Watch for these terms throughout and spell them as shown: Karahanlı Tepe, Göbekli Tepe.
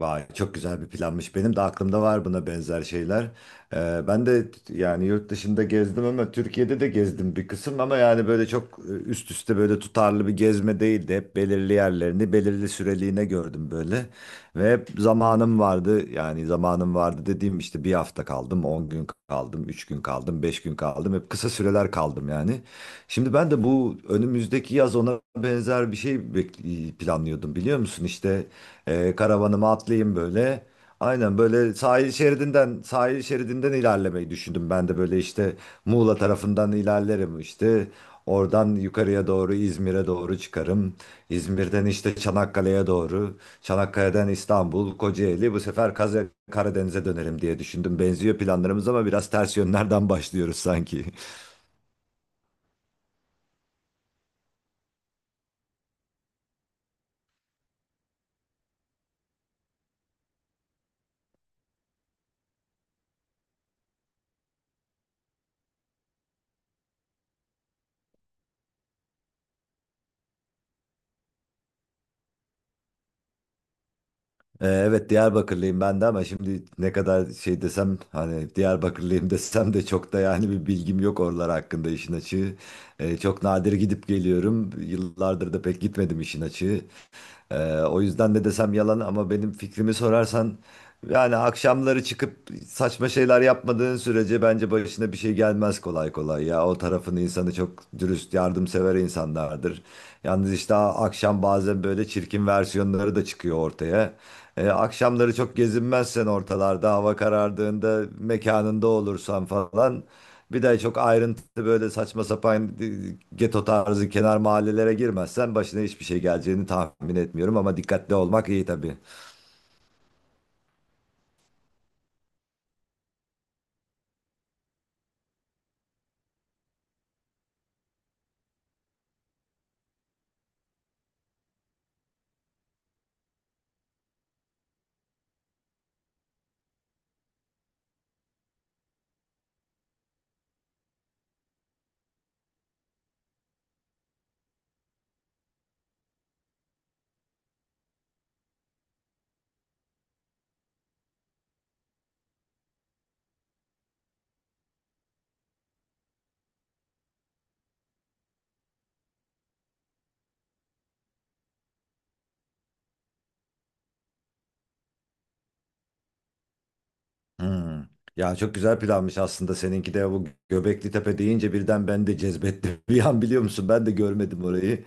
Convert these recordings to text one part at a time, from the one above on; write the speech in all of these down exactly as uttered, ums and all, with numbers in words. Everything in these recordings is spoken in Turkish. Vay çok güzel bir planmış. Benim de aklımda var buna benzer şeyler. Ee, ben de yani yurt dışında gezdim ama Türkiye'de de gezdim bir kısım ama yani böyle çok e, üst üste böyle tutarlı bir gezme değildi. Hep belirli yerlerini belirli süreliğine gördüm böyle. Ve hep zamanım vardı yani zamanım vardı dediğim işte bir hafta kaldım, on gün kaldım, üç gün kaldım, beş gün kaldım. Hep kısa süreler kaldım yani. Şimdi ben de bu önümüzdeki yaz ona benzer bir şey bek- planlıyordum biliyor musun? İşte ee, karavanıma atlayayım böyle. Aynen böyle sahil şeridinden sahil şeridinden ilerlemeyi düşündüm. Ben de böyle işte Muğla tarafından ilerlerim işte. Oradan yukarıya doğru İzmir'e doğru çıkarım. İzmir'den işte Çanakkale'ye doğru. Çanakkale'den İstanbul, Kocaeli. Bu sefer Kaze Karadeniz'e dönerim diye düşündüm. Benziyor planlarımız ama biraz ters yönlerden başlıyoruz sanki. Ee, Evet Diyarbakırlıyım ben de ama şimdi ne kadar şey desem hani Diyarbakırlıyım desem de çok da yani bir bilgim yok oralar hakkında işin açığı. Ee, çok nadir gidip geliyorum. Yıllardır da pek gitmedim işin açığı. Ee, o yüzden ne desem yalan ama benim fikrimi sorarsan yani akşamları çıkıp saçma şeyler yapmadığın sürece bence başına bir şey gelmez kolay kolay ya. O tarafın insanı çok dürüst, yardımsever insanlardır. Yalnız işte akşam bazen böyle çirkin versiyonları da çıkıyor ortaya. Ee, akşamları çok gezinmezsen ortalarda hava karardığında mekanında olursan falan, bir de çok ayrıntı böyle saçma sapan e, geto tarzı kenar mahallelere girmezsen başına hiçbir şey geleceğini tahmin etmiyorum ama dikkatli olmak iyi tabii. Hmm. Ya çok güzel planmış aslında seninki de. Bu Göbekli Tepe deyince birden ben de cezbetti bir an, biliyor musun? Ben de görmedim orayı.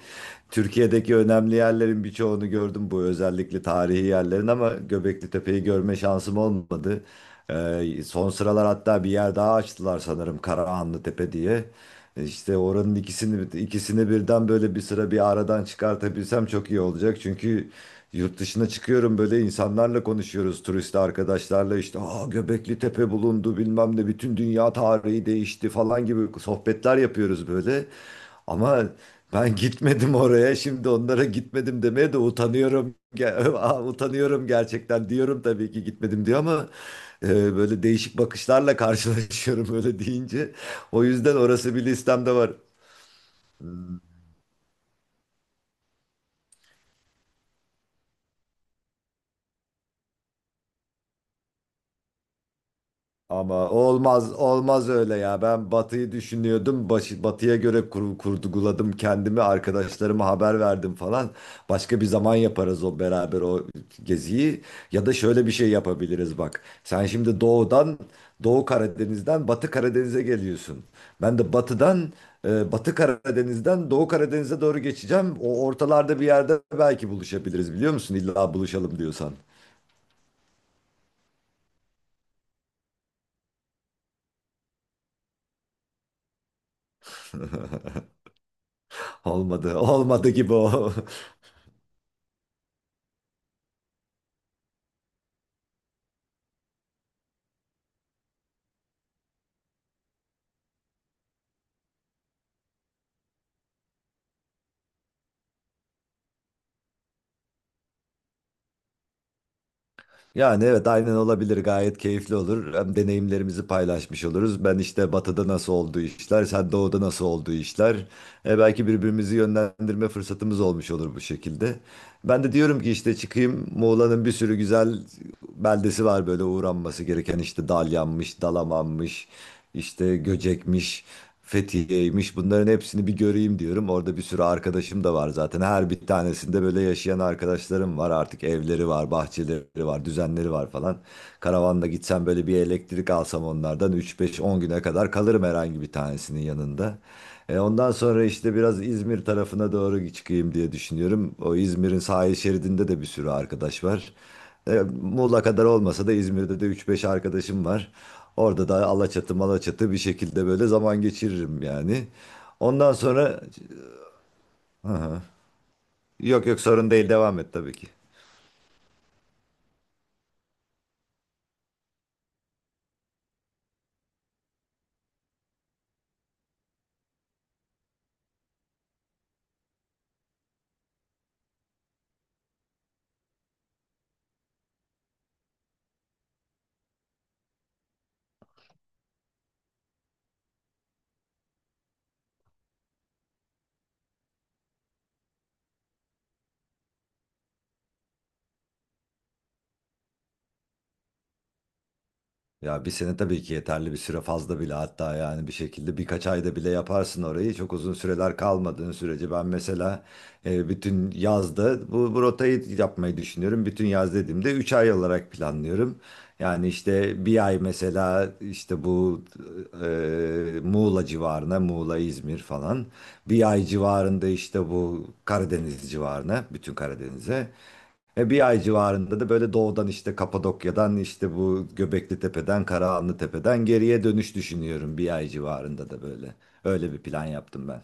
Türkiye'deki önemli yerlerin birçoğunu gördüm, bu özellikle tarihi yerlerin, ama Göbekli Tepe'yi görme şansım olmadı. Ee, son sıralar hatta bir yer daha açtılar sanırım, Karahanlı Tepe diye. İşte oranın ikisini ikisini birden böyle bir sıra bir aradan çıkartabilsem çok iyi olacak. Çünkü yurt dışına çıkıyorum böyle, insanlarla konuşuyoruz turist arkadaşlarla, işte Aa, Göbekli Tepe bulundu bilmem ne, bütün dünya tarihi değişti falan gibi sohbetler yapıyoruz böyle. Ama ben gitmedim oraya. Şimdi onlara gitmedim demeye de utanıyorum. Ge- Aa, utanıyorum gerçekten, diyorum tabii ki gitmedim diyor ama e, böyle değişik bakışlarla karşılaşıyorum öyle deyince. O yüzden orası bir listemde var. Ama olmaz olmaz öyle ya. Ben Batı'yı düşünüyordum. Başı, Batı'ya göre kur, kurguladım kendimi. Arkadaşlarıma haber verdim falan. Başka bir zaman yaparız o beraber o geziyi. Ya da şöyle bir şey yapabiliriz bak. Sen şimdi doğudan, Doğu Karadeniz'den Batı Karadeniz'e geliyorsun. Ben de batıdan, e, Batı Karadeniz'den Doğu Karadeniz'e doğru geçeceğim. O ortalarda bir yerde belki buluşabiliriz, biliyor musun? İlla buluşalım diyorsan. Olmadı. Olmadı gibi o. Yani evet aynen olabilir, gayet keyifli olur. Hem deneyimlerimizi paylaşmış oluruz. Ben işte batıda nasıl olduğu işler, sen doğuda nasıl olduğu işler. E, belki birbirimizi yönlendirme fırsatımız olmuş olur bu şekilde. Ben de diyorum ki işte çıkayım, Muğla'nın bir sürü güzel beldesi var böyle uğranması gereken, işte Dalyan'mış, Dalaman'mış, işte Göcek'miş, Fethiye'ymiş, bunların hepsini bir göreyim diyorum. Orada bir sürü arkadaşım da var zaten. Her bir tanesinde böyle yaşayan arkadaşlarım var, artık evleri var, bahçeleri var, düzenleri var falan. Karavanla gitsem böyle, bir elektrik alsam onlardan, üç beş on güne kadar kalırım herhangi bir tanesinin yanında. E, ondan sonra işte biraz İzmir tarafına doğru çıkayım diye düşünüyorum. O İzmir'in sahil şeridinde de bir sürü arkadaş var. E, Muğla kadar olmasa da İzmir'de de üç beş arkadaşım var. Orada da Alaçatı Malaçatı bir şekilde böyle zaman geçiririm yani. Ondan sonra, yok yok sorun değil, devam et tabii ki. Ya bir sene tabii ki yeterli bir süre, fazla bile hatta, yani bir şekilde birkaç ayda bile yaparsın orayı. Çok uzun süreler kalmadığın sürece. Ben mesela e, bütün yazda bu, bu rotayı yapmayı düşünüyorum. Bütün yaz dediğimde üç ay olarak planlıyorum. Yani işte bir ay mesela işte bu e, Muğla civarına, Muğla, İzmir falan. Bir ay civarında işte bu Karadeniz civarına, bütün Karadeniz'e. E, bir ay civarında da böyle doğudan işte Kapadokya'dan işte bu Göbekli Tepe'den, Karahanlı Tepe'den geriye dönüş düşünüyorum, bir ay civarında da böyle. Öyle bir plan yaptım ben.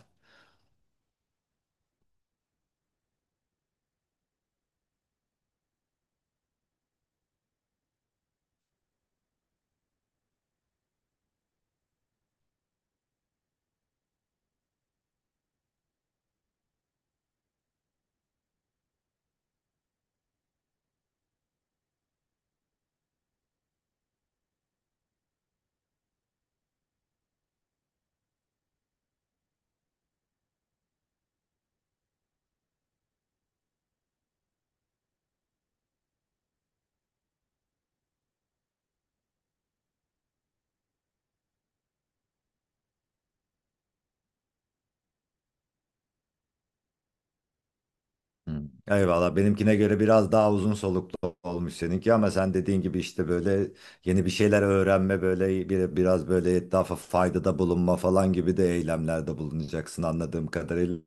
Hı. Eyvallah, benimkine göre biraz daha uzun soluklu olmuş seninki, ama sen dediğin gibi işte böyle yeni bir şeyler öğrenme, böyle bir, biraz böyle etrafa faydada bulunma falan gibi de eylemlerde bulunacaksın anladığım kadarıyla.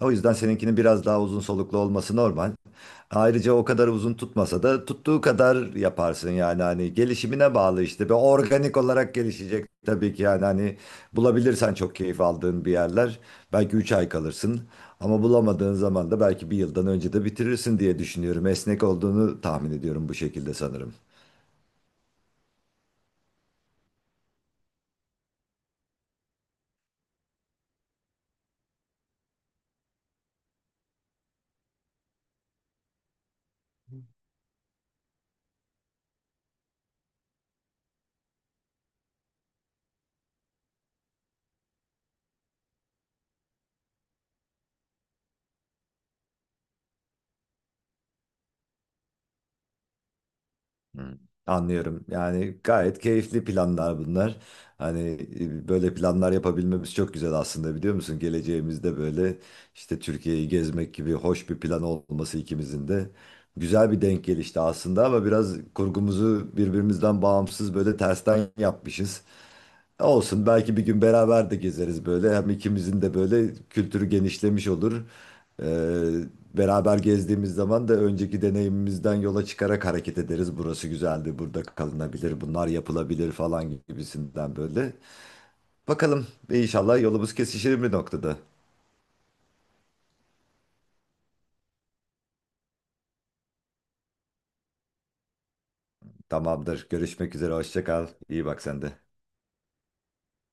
O yüzden seninkinin biraz daha uzun soluklu olması normal. Ayrıca o kadar uzun tutmasa da tuttuğu kadar yaparsın yani, hani gelişimine bağlı işte. Ve organik olarak gelişecek tabii ki, yani hani bulabilirsen çok keyif aldığın bir yerler, belki üç ay kalırsın. Ama bulamadığın zaman da belki bir yıldan önce de bitirirsin diye düşünüyorum. Esnek olduğunu tahmin ediyorum bu şekilde sanırım. Anlıyorum. Yani gayet keyifli planlar bunlar. Hani e, böyle planlar yapabilmemiz çok güzel aslında, biliyor musun? Geleceğimizde böyle işte Türkiye'yi gezmek gibi hoş bir plan olması ikimizin de, güzel bir denk gelişti aslında, ama biraz kurgumuzu birbirimizden bağımsız böyle tersten yapmışız. Olsun, belki bir gün beraber de gezeriz böyle. Hem ikimizin de böyle kültürü genişlemiş olur. Ee, beraber gezdiğimiz zaman da önceki deneyimimizden yola çıkarak hareket ederiz. Burası güzeldi, burada kalınabilir, bunlar yapılabilir falan gibisinden böyle. Bakalım inşallah yolumuz kesişir bir noktada. Tamamdır. Görüşmek üzere. Hoşça kal. İyi bak sen de.